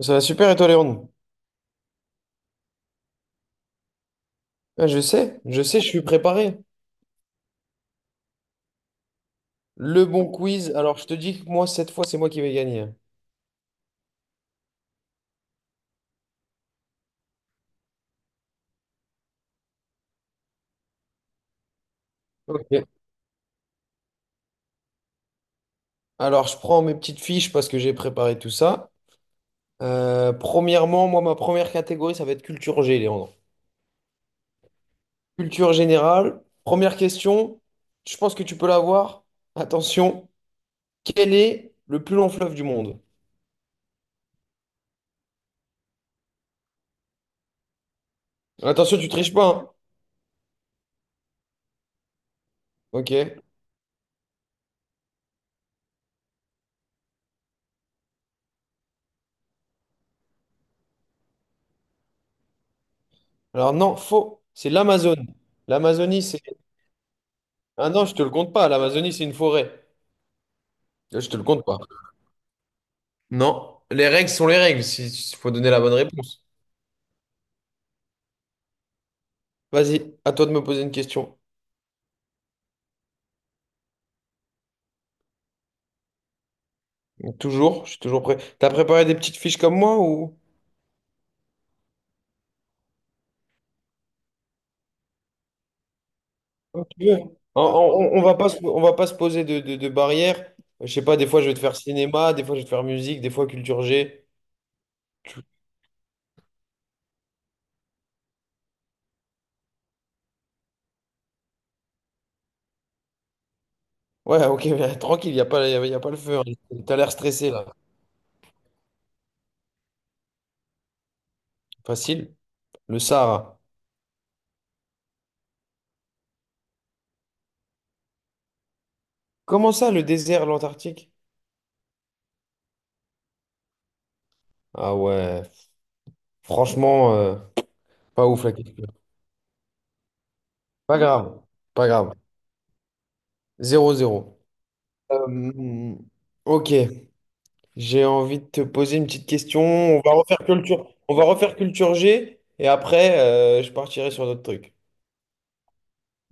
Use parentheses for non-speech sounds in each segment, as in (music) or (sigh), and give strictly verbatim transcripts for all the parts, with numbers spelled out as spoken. Ça va super et toi, Léon? Ah, je sais, je sais, je suis préparé. Le bon quiz. Alors, je te dis que moi, cette fois, c'est moi qui vais gagner. Ok. Alors, je prends mes petites fiches parce que j'ai préparé tout ça. Euh, premièrement, moi, ma première catégorie, ça va être culture G, Léandre. Culture générale. Première question, je pense que tu peux l'avoir. Attention, quel est le plus long fleuve du monde? Attention, tu triches pas, hein. Ok. Alors, non, faux. C'est l'Amazone. L'Amazonie, c'est. Ah non, je te le compte pas. L'Amazonie, c'est une forêt. Là, je te le compte pas. Non, les règles sont les règles, si si- faut donner la bonne réponse. Vas-y, à toi de me poser une question. Toujours, je suis toujours prêt. T'as préparé des petites fiches comme moi ou... Comme tu veux. On, on- on va pas, se- on va pas se poser de, de, de barrières. Je sais pas, des fois je vais te faire cinéma, des fois je vais te faire musique, des fois culture G. Tu- Ouais, ok, (laughs) mais tranquille, il a pas, y a, y a pas le feu. Tu T'as l'air stressé là. Facile. Le Sahara. Comment ça, le désert, l'Antarctique? Ah ouais, franchement, euh, pas ouf la question. Pas grave, pas grave. Zéro zéro. Euh, ok, j'ai envie de te poser une petite question. On va refaire culture, on va refaire culture G et après, euh, je partirai sur d'autres trucs.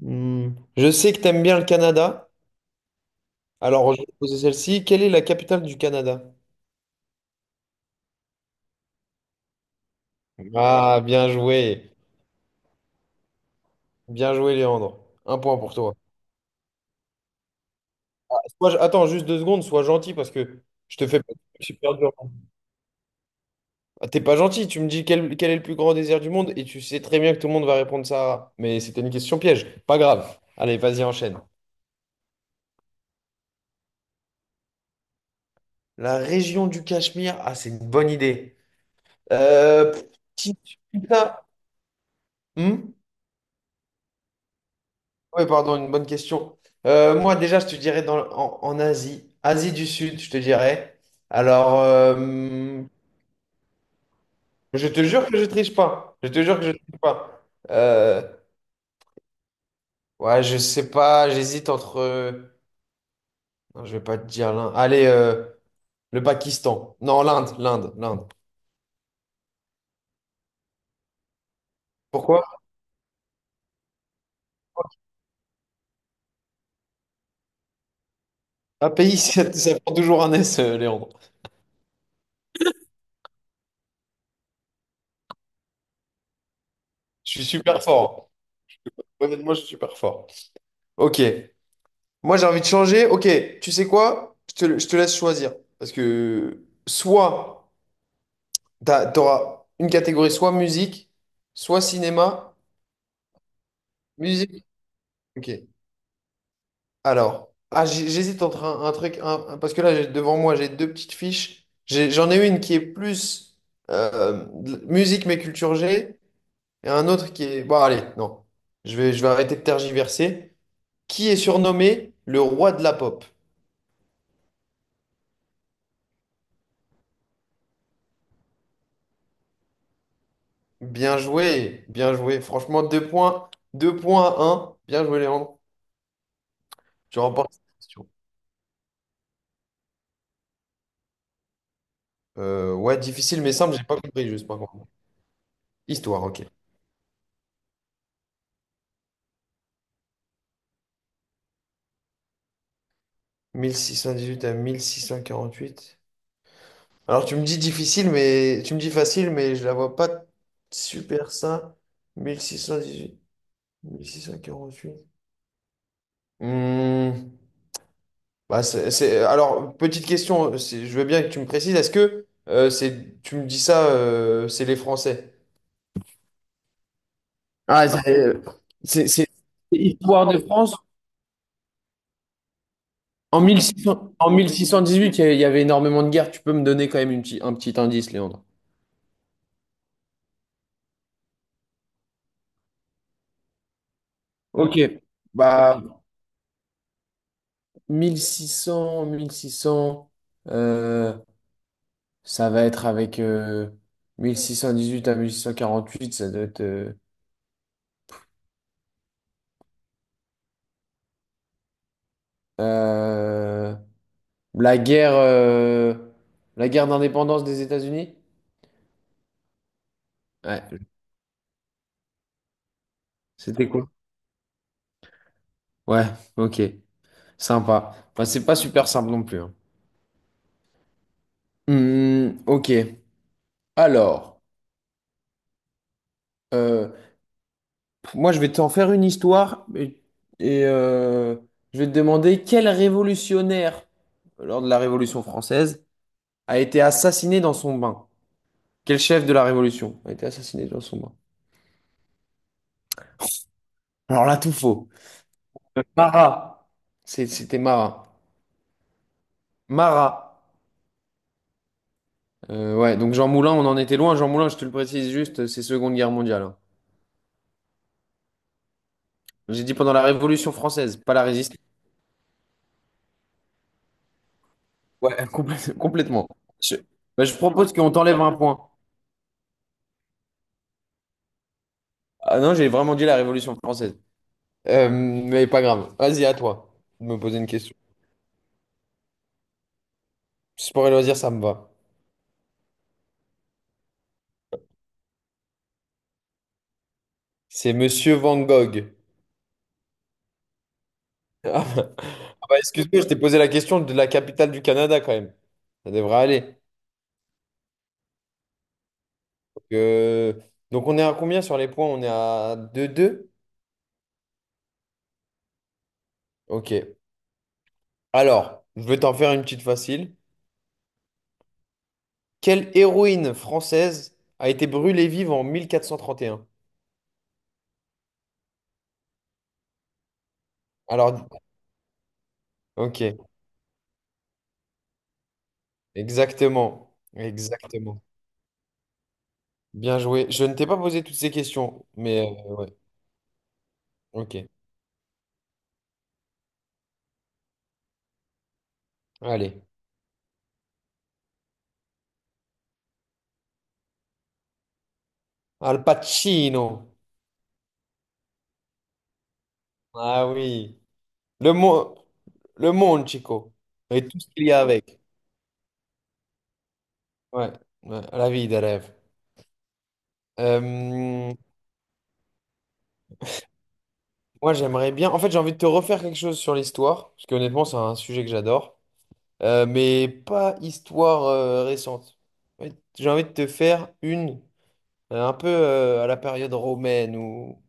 Hmm, Je sais que tu aimes bien le Canada. Alors, je vais te poser celle-ci. Quelle est la capitale du Canada? Ah, bien joué. Bien joué, Léandre. Un point pour toi. Sois- attends, juste deux secondes, sois gentil parce que je te fais pas super dur. Ah, t'es pas gentil, tu me dis quel, quel est le plus grand désert du monde et tu sais très bien que tout le monde va répondre ça. Mais c'était une question piège. Pas grave. Allez, vas-y, enchaîne. La région du Cachemire, ah, c'est une bonne idée. Euh, petit- putain. Hmm. Ouais, pardon, une bonne question. Euh, moi, déjà, je te dirais dans, en, en Asie, Asie du Sud, je te dirais. Alors, euh, je te jure que je triche pas. Je te jure que je triche pas. Euh, ouais, je sais pas, j'hésite entre. Euh, Non, je vais pas te dire l'un. Allez. euh, Le Pakistan. Non, l'Inde, l'Inde, l'Inde. Pourquoi? Un pays, (laughs) ça, ça prend toujours un S, euh, Léandre. Je suis super fort. Honnêtement, je suis super fort. Ok. Moi, j'ai envie de changer. Ok, tu sais quoi? Je te, je te laisse choisir. Parce que soit t'as- t'auras une catégorie, soit musique, soit cinéma. Musique. Ok. Alors. Ah, j'hé- j'hésite entre un, un truc. un- un- parce que là, j'ai- devant moi, j'ai deux petites fiches. J'ai- J'en ai une qui est plus euh, de- musique, mais culture G. Et un autre qui est... Bon, allez, non. Je vais, je vais arrêter de tergiverser. Qui est surnommé le roi de la pop? Bien joué, bien joué. Franchement, deux points, deux points à un. Bien joué, Léandre. Tu remportes cette question. Euh, ouais, difficile mais simple, j'ai pas compris juste par contre. Histoire, ok. seize cent dix-huit à seize cent quarante-huit. Alors tu me dis difficile, mais tu me dis facile, mais je la vois pas super ça. seize cent dix-huit, mille six cent quarante-huit. Hmm. Bah, c'est, c'est- alors, petite question, c'est- je veux bien que tu me précises, est-ce que euh, c'est, tu me dis ça, euh, c'est les Français? Ah, c'est c'est- c'est- c'est Histoire de France. En mille six cents en seize cent dix-huit, il y avait il y avait énormément de guerres. Tu peux me donner quand même une petit- un petit indice, Léandre. Ok. Bah, mille six cents mille six cents, euh, ça va être avec euh, seize cent dix-huit à seize cent quarante-huit, ça doit être... euh, euh, La guerre, euh, la guerre d'indépendance des États-Unis? Ouais, c'était quoi? Ouais, ok, sympa. Enfin, c'est pas super simple non plus, hein. Hmm, ok. Alors, euh, moi je vais t'en faire une histoire et, et, euh, je vais te demander quel révolutionnaire lors de la Révolution française a été assassiné dans son bain? Quel chef de la Révolution a été assassiné dans son bain? Alors là, tout faux. Marat. C'est- C'était Marat. Marat. Euh, ouais, donc Jean Moulin, on en était loin. Jean Moulin, je te le précise juste, c'est Seconde Guerre mondiale, hein. J'ai dit pendant la Révolution française, pas la Résistance. Ouais, complè- (laughs) complètement. Je, bah, je propose qu'on t'enlève un point. Ah non, j'ai vraiment dit la Révolution française. Euh, mais pas grave. Vas-y, à toi de me poser une question. Sport et loisirs, ça me va. C'est Monsieur Van Gogh. (laughs) Ah bah, excuse-moi, je t'ai posé la question de la capitale du Canada quand même. Ça devrait aller. Donc, euh, donc on est à combien sur les points? On est à deux deux. Ok. Alors, je vais t'en faire une petite facile. Quelle héroïne française a été brûlée vive en mille quatre cent trente et un? Alors, ok, exactement, exactement. Bien joué. Je ne t'ai pas posé toutes ces questions, mais euh, ouais, ok. Allez. Al Pacino. Ah oui. Le monde, le monde, Chico. Et tout ce qu'il y a avec. Ouais, ouais, la vie des rêves. Euh, Moi, j'aimerais bien. En fait, j'ai envie de te refaire quelque chose sur l'histoire, parce que honnêtement, c'est un sujet que j'adore. Euh, mais pas histoire euh, récente. Ouais, j'ai envie de te faire une euh, un peu euh, à la période romaine ou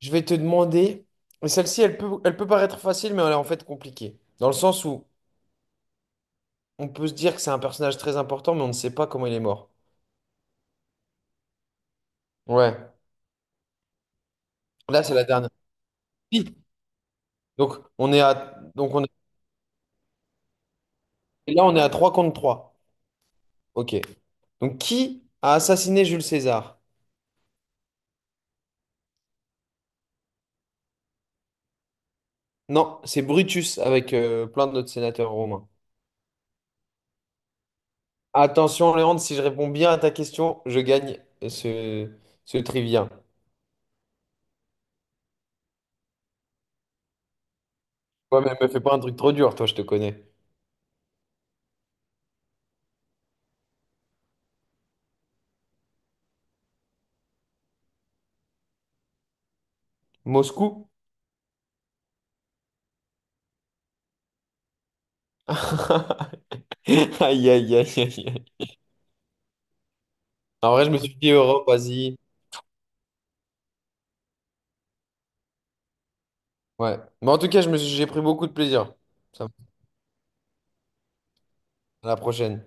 je vais te demander, et celle-ci elle peut elle peut paraître facile mais elle est en fait compliquée dans le sens où on peut se dire que c'est un personnage très important mais on ne sait pas comment il est mort. Ouais. Là c'est la dernière. Qui Donc on est à donc on est- et là on est à trois contre trois. OK. Donc qui a assassiné Jules César? Non, c'est Brutus avec euh, plein d'autres sénateurs romains. Attention, Léandre, si je réponds bien à ta question, je gagne ce, ce trivia. Ouais, mais me fais pas un truc trop dur, toi, je te connais. Moscou? (laughs) Aïe, aïe, aïe, aïe, aïe. En vrai, je me suis dit Europe, Asie. Ouais. Mais en tout cas, je me suis- j'ai pris beaucoup de plaisir. Ça- me- À la prochaine.